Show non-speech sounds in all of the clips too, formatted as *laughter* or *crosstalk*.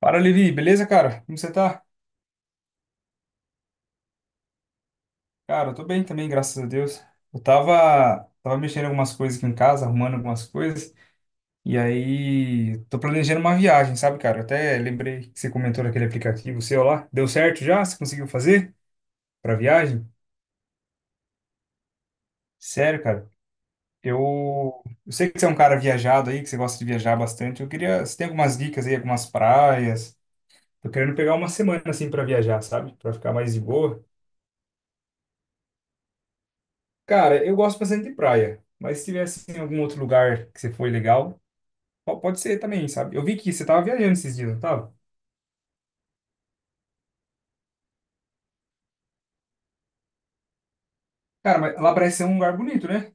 Fala, Levi, beleza, cara? Como você tá? Cara, eu tô bem também, graças a Deus. Eu tava mexendo em algumas coisas aqui em casa, arrumando algumas coisas, e aí tô planejando uma viagem, sabe, cara? Eu até lembrei que você comentou daquele aplicativo seu lá. Deu certo já? Você conseguiu fazer pra viagem? Sério, cara, eu sei que você é um cara viajado aí, que você gosta de viajar bastante. Eu queria, você tem algumas dicas aí, algumas praias? Tô querendo pegar uma semana assim pra viajar, sabe? Pra ficar mais de boa. Cara, eu gosto bastante de praia, mas se tivesse em algum outro lugar que você foi legal, pode ser também, sabe? Eu vi que você tava viajando esses dias, não tava? Cara, mas lá parece ser um lugar bonito, né?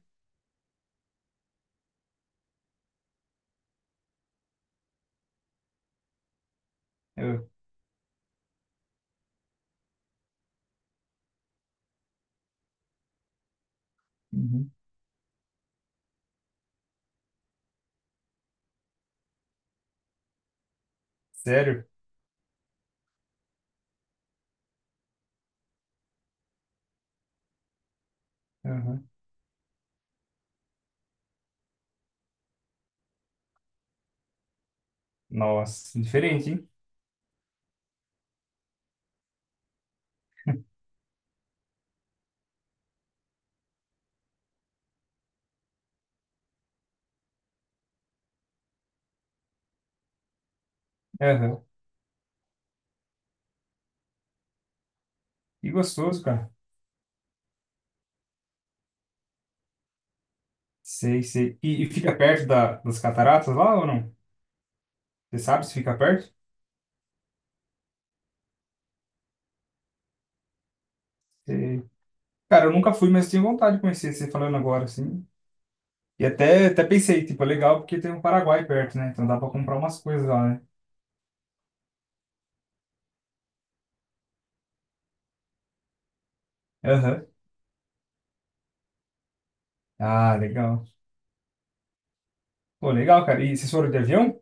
Eu- Uhum. Sério? Aham. Nossa, diferente, hein? Aham. E gostoso, cara. Sei, sei. E fica perto da, das cataratas lá ou não? Você sabe se fica perto? Sei. Cara, eu nunca fui, mas tenho vontade de conhecer você falando agora, assim. E até, até pensei, tipo, é legal porque tem um Paraguai perto, né? Então dá pra comprar umas coisas lá, né? Aham. Ah, legal. Pô, legal, cara. E vocês foram de avião?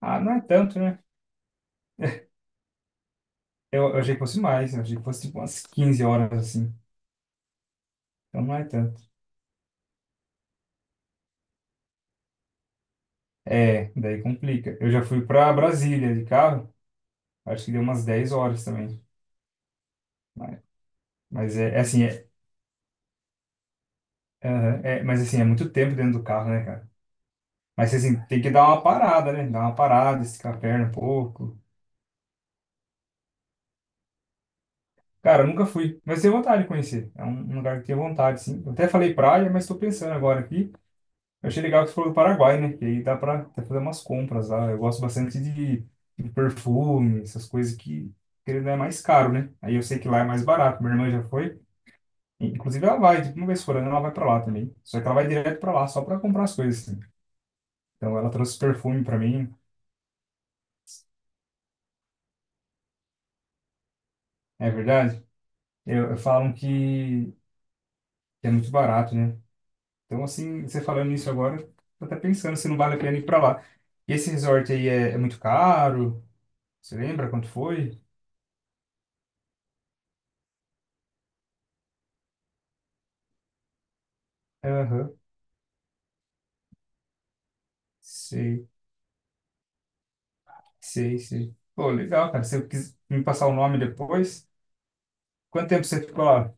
Ah, não é tanto, né? Eu achei que fosse mais, eu achei que fosse tipo umas 15 horas assim. Então não é tanto. É, daí complica. Eu já fui pra Brasília de carro, acho que deu umas 10 horas também. Mas, mas é, é assim, é, aham, mas assim, é muito tempo dentro do carro, né, cara? Mas assim, tem que dar uma parada, né? Dar uma parada, esticar a perna um pouco. Cara, eu nunca fui, mas tenho vontade de conhecer. É um, um lugar que tenho vontade, sim. Eu até falei praia, mas tô pensando agora aqui. Eu achei legal que você falou do Paraguai, né? Que aí dá pra até fazer umas compras lá. Eu gosto bastante de perfume, essas coisas que, querendo, é mais caro, né? Aí eu sei que lá é mais barato. Minha irmã já foi. E, inclusive, ela vai, tipo, uma vez por ano, ela vai pra lá também. Só que ela vai direto pra lá, só pra comprar as coisas, assim. Então, ela trouxe perfume pra mim, é verdade. Eu falam que é muito barato, né? Então, assim, você falando isso agora, tô até pensando se não vale a pena ir pra lá. E esse resort aí é, é muito caro? Você lembra quanto foi? Aham. Sei. Sei, sei. Pô, legal, cara. Se eu quiser me passar o nome depois, quanto tempo você ficou lá?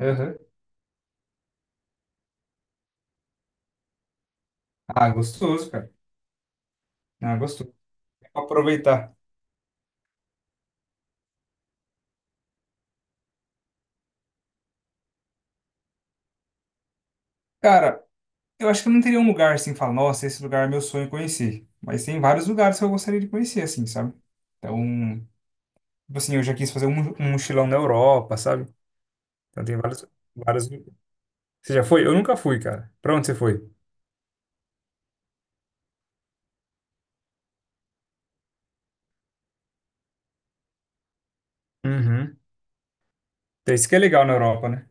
Aham. Ah, gostoso, cara. Ah, gostoso. Tem que aproveitar. Cara, eu acho que eu não teria um lugar assim, falar, nossa, esse lugar é meu sonho conhecer. Mas tem vários lugares que eu gostaria de conhecer, assim, sabe? Então, tipo assim, eu já quis fazer um, um mochilão na Europa, sabe? Então tem vários, vários. Você já foi? Eu nunca fui, cara. Pra onde você foi? Uhum. Então, isso que é legal na Europa, né?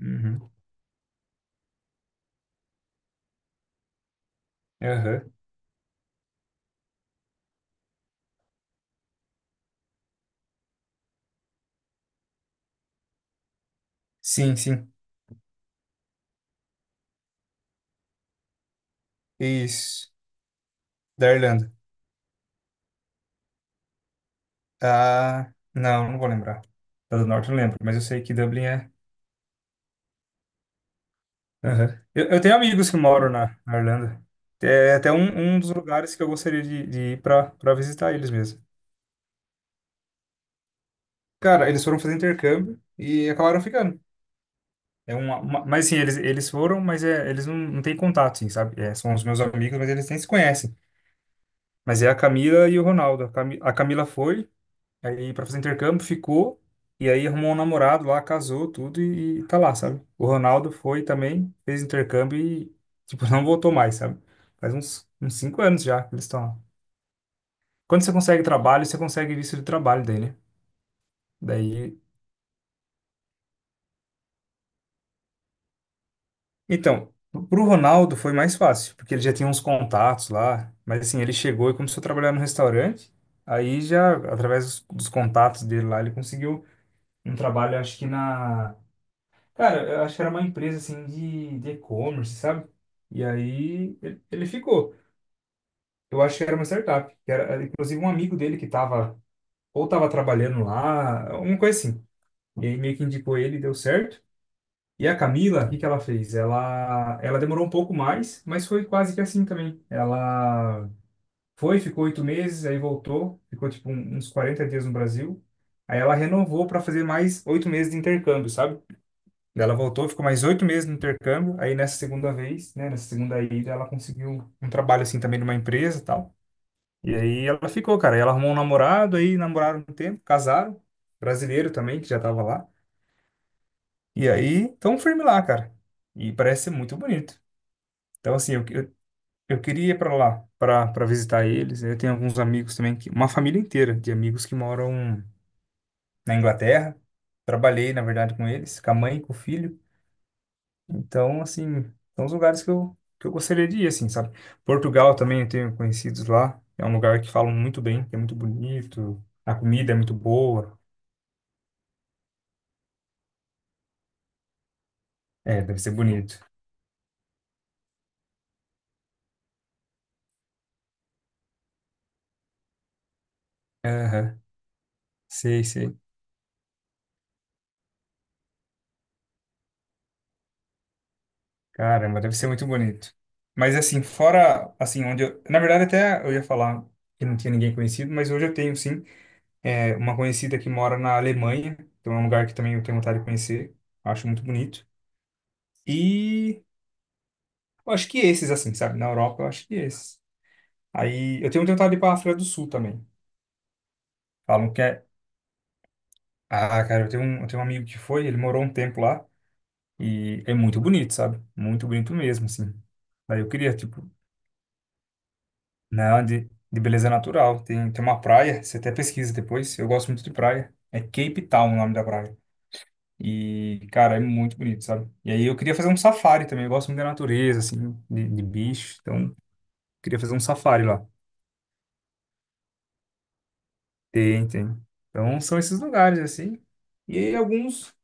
Uhum. Aham. Sim, sim. Isso. Da Irlanda. Ah, não, não vou lembrar. Da do Norte eu não lembro, mas eu sei que Dublin é. Aham. Eu tenho amigos que moram na, na Irlanda. É até um, um dos lugares que eu gostaria de ir para para visitar eles mesmo. Cara, eles foram fazer intercâmbio e acabaram ficando. É uma, mas sim, eles foram, mas é, eles não, não têm contato, sim, sabe? É, são os meus amigos, mas eles nem se conhecem. Mas é a Camila e o Ronaldo. A Camila foi. Aí pra fazer intercâmbio, ficou. E aí arrumou um namorado lá, casou, tudo e tá lá, sabe? O Ronaldo foi também, fez intercâmbio e, tipo, *laughs* não voltou mais, sabe? Faz uns, uns 5 anos já que eles estão lá. Quando você consegue trabalho, você consegue visto de trabalho daí, né? Daí. Então, pro Ronaldo foi mais fácil, porque ele já tinha uns contatos lá. Mas assim, ele chegou e começou a trabalhar no restaurante. Aí já, através dos, dos contatos dele lá, ele conseguiu um trabalho, acho que na. Cara, eu acho que era uma empresa assim de e-commerce, sabe? E aí ele ficou. Eu acho que era uma startup. Que Era, era, inclusive um amigo dele que tava, ou tava trabalhando lá, alguma coisa assim. E aí meio que indicou ele, deu certo. E a Camila, o que que ela fez? Ela demorou um pouco mais, mas foi quase que assim também. Ela foi, ficou 8 meses, aí voltou, ficou tipo uns 40 dias no Brasil. Aí ela renovou para fazer mais 8 meses de intercâmbio, sabe? Daí ela voltou, ficou mais 8 meses no intercâmbio. Aí nessa segunda vez, né, nessa segunda ida, ela conseguiu um trabalho assim também numa empresa e tal. E aí ela ficou, cara. Aí ela arrumou um namorado, aí namoraram um tempo, casaram, brasileiro também, que já tava lá. E aí tão firme lá, cara. E parece ser muito bonito. Então, assim, eu queria ir pra lá, pra, pra visitar eles. Eu tenho alguns amigos também, que, uma família inteira de amigos que moram na Inglaterra. Trabalhei, na verdade, com eles, com a mãe, e com o filho. Então, assim, são os lugares que eu gostaria de ir, assim, sabe? Portugal também eu tenho conhecidos lá. É um lugar que falam muito bem, que é muito bonito. A comida é muito boa. É, deve ser bonito. Aham, sei, sei. Caramba, deve ser muito bonito. Mas, assim, fora, assim, onde eu... Na verdade, até eu ia falar que não tinha ninguém conhecido, mas hoje eu tenho, sim, é, uma conhecida que mora na Alemanha. Então, é um lugar que também eu tenho vontade de conhecer. Acho muito bonito. E eu acho que esses, assim, sabe? Na Europa, eu acho que esses. Aí eu tenho tentado ir para a África do Sul também. Falam que é. Ah, cara, eu tenho um amigo que foi, ele morou um tempo lá e é muito bonito, sabe? Muito bonito mesmo, assim. Daí eu queria, tipo, não, de beleza natural. Tem, tem uma praia, você até pesquisa depois, eu gosto muito de praia. É Cape Town o nome da praia. E, cara, é muito bonito, sabe? E aí eu queria fazer um safari também, eu gosto muito da natureza, assim, de bicho. Então, queria fazer um safari lá. Tem, tem. Então, são esses lugares, assim. E aí, alguns.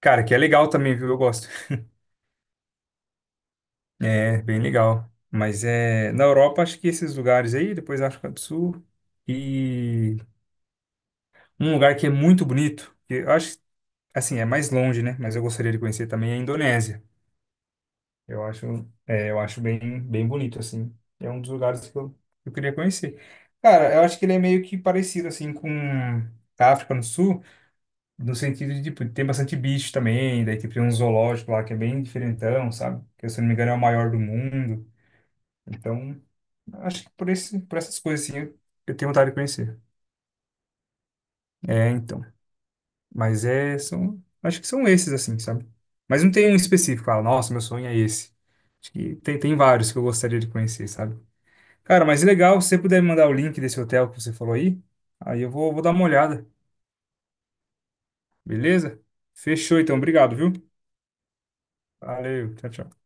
Cara, que é legal também, viu? Eu gosto. É, bem legal. Mas é, na Europa, acho que esses lugares aí, depois África do Sul, e um lugar que é muito bonito, que eu acho, assim, é mais longe, né? Mas eu gostaria de conhecer também é a Indonésia. Eu acho, é, eu acho bem, bem bonito, assim. É um dos lugares que que eu queria conhecer. Cara, eu acho que ele é meio que parecido, assim, com a África do Sul, no sentido de, tipo, tem bastante bicho também, daí, tipo, tem um zoológico lá que é bem diferentão, sabe? Que, se eu não me engano, é o maior do mundo. Então, acho que por esse, por essas coisas assim, eu tenho vontade de conhecer. É, então. Mas é, são, acho que são esses assim, sabe? Mas não tem um específico, fala, nossa, meu sonho é esse. Acho que tem, tem vários que eu gostaria de conhecer, sabe? Cara, mas é legal, se você puder me mandar o link desse hotel que você falou aí, aí eu vou, vou dar uma olhada, beleza? Fechou então, obrigado, viu? Valeu, tchau, tchau.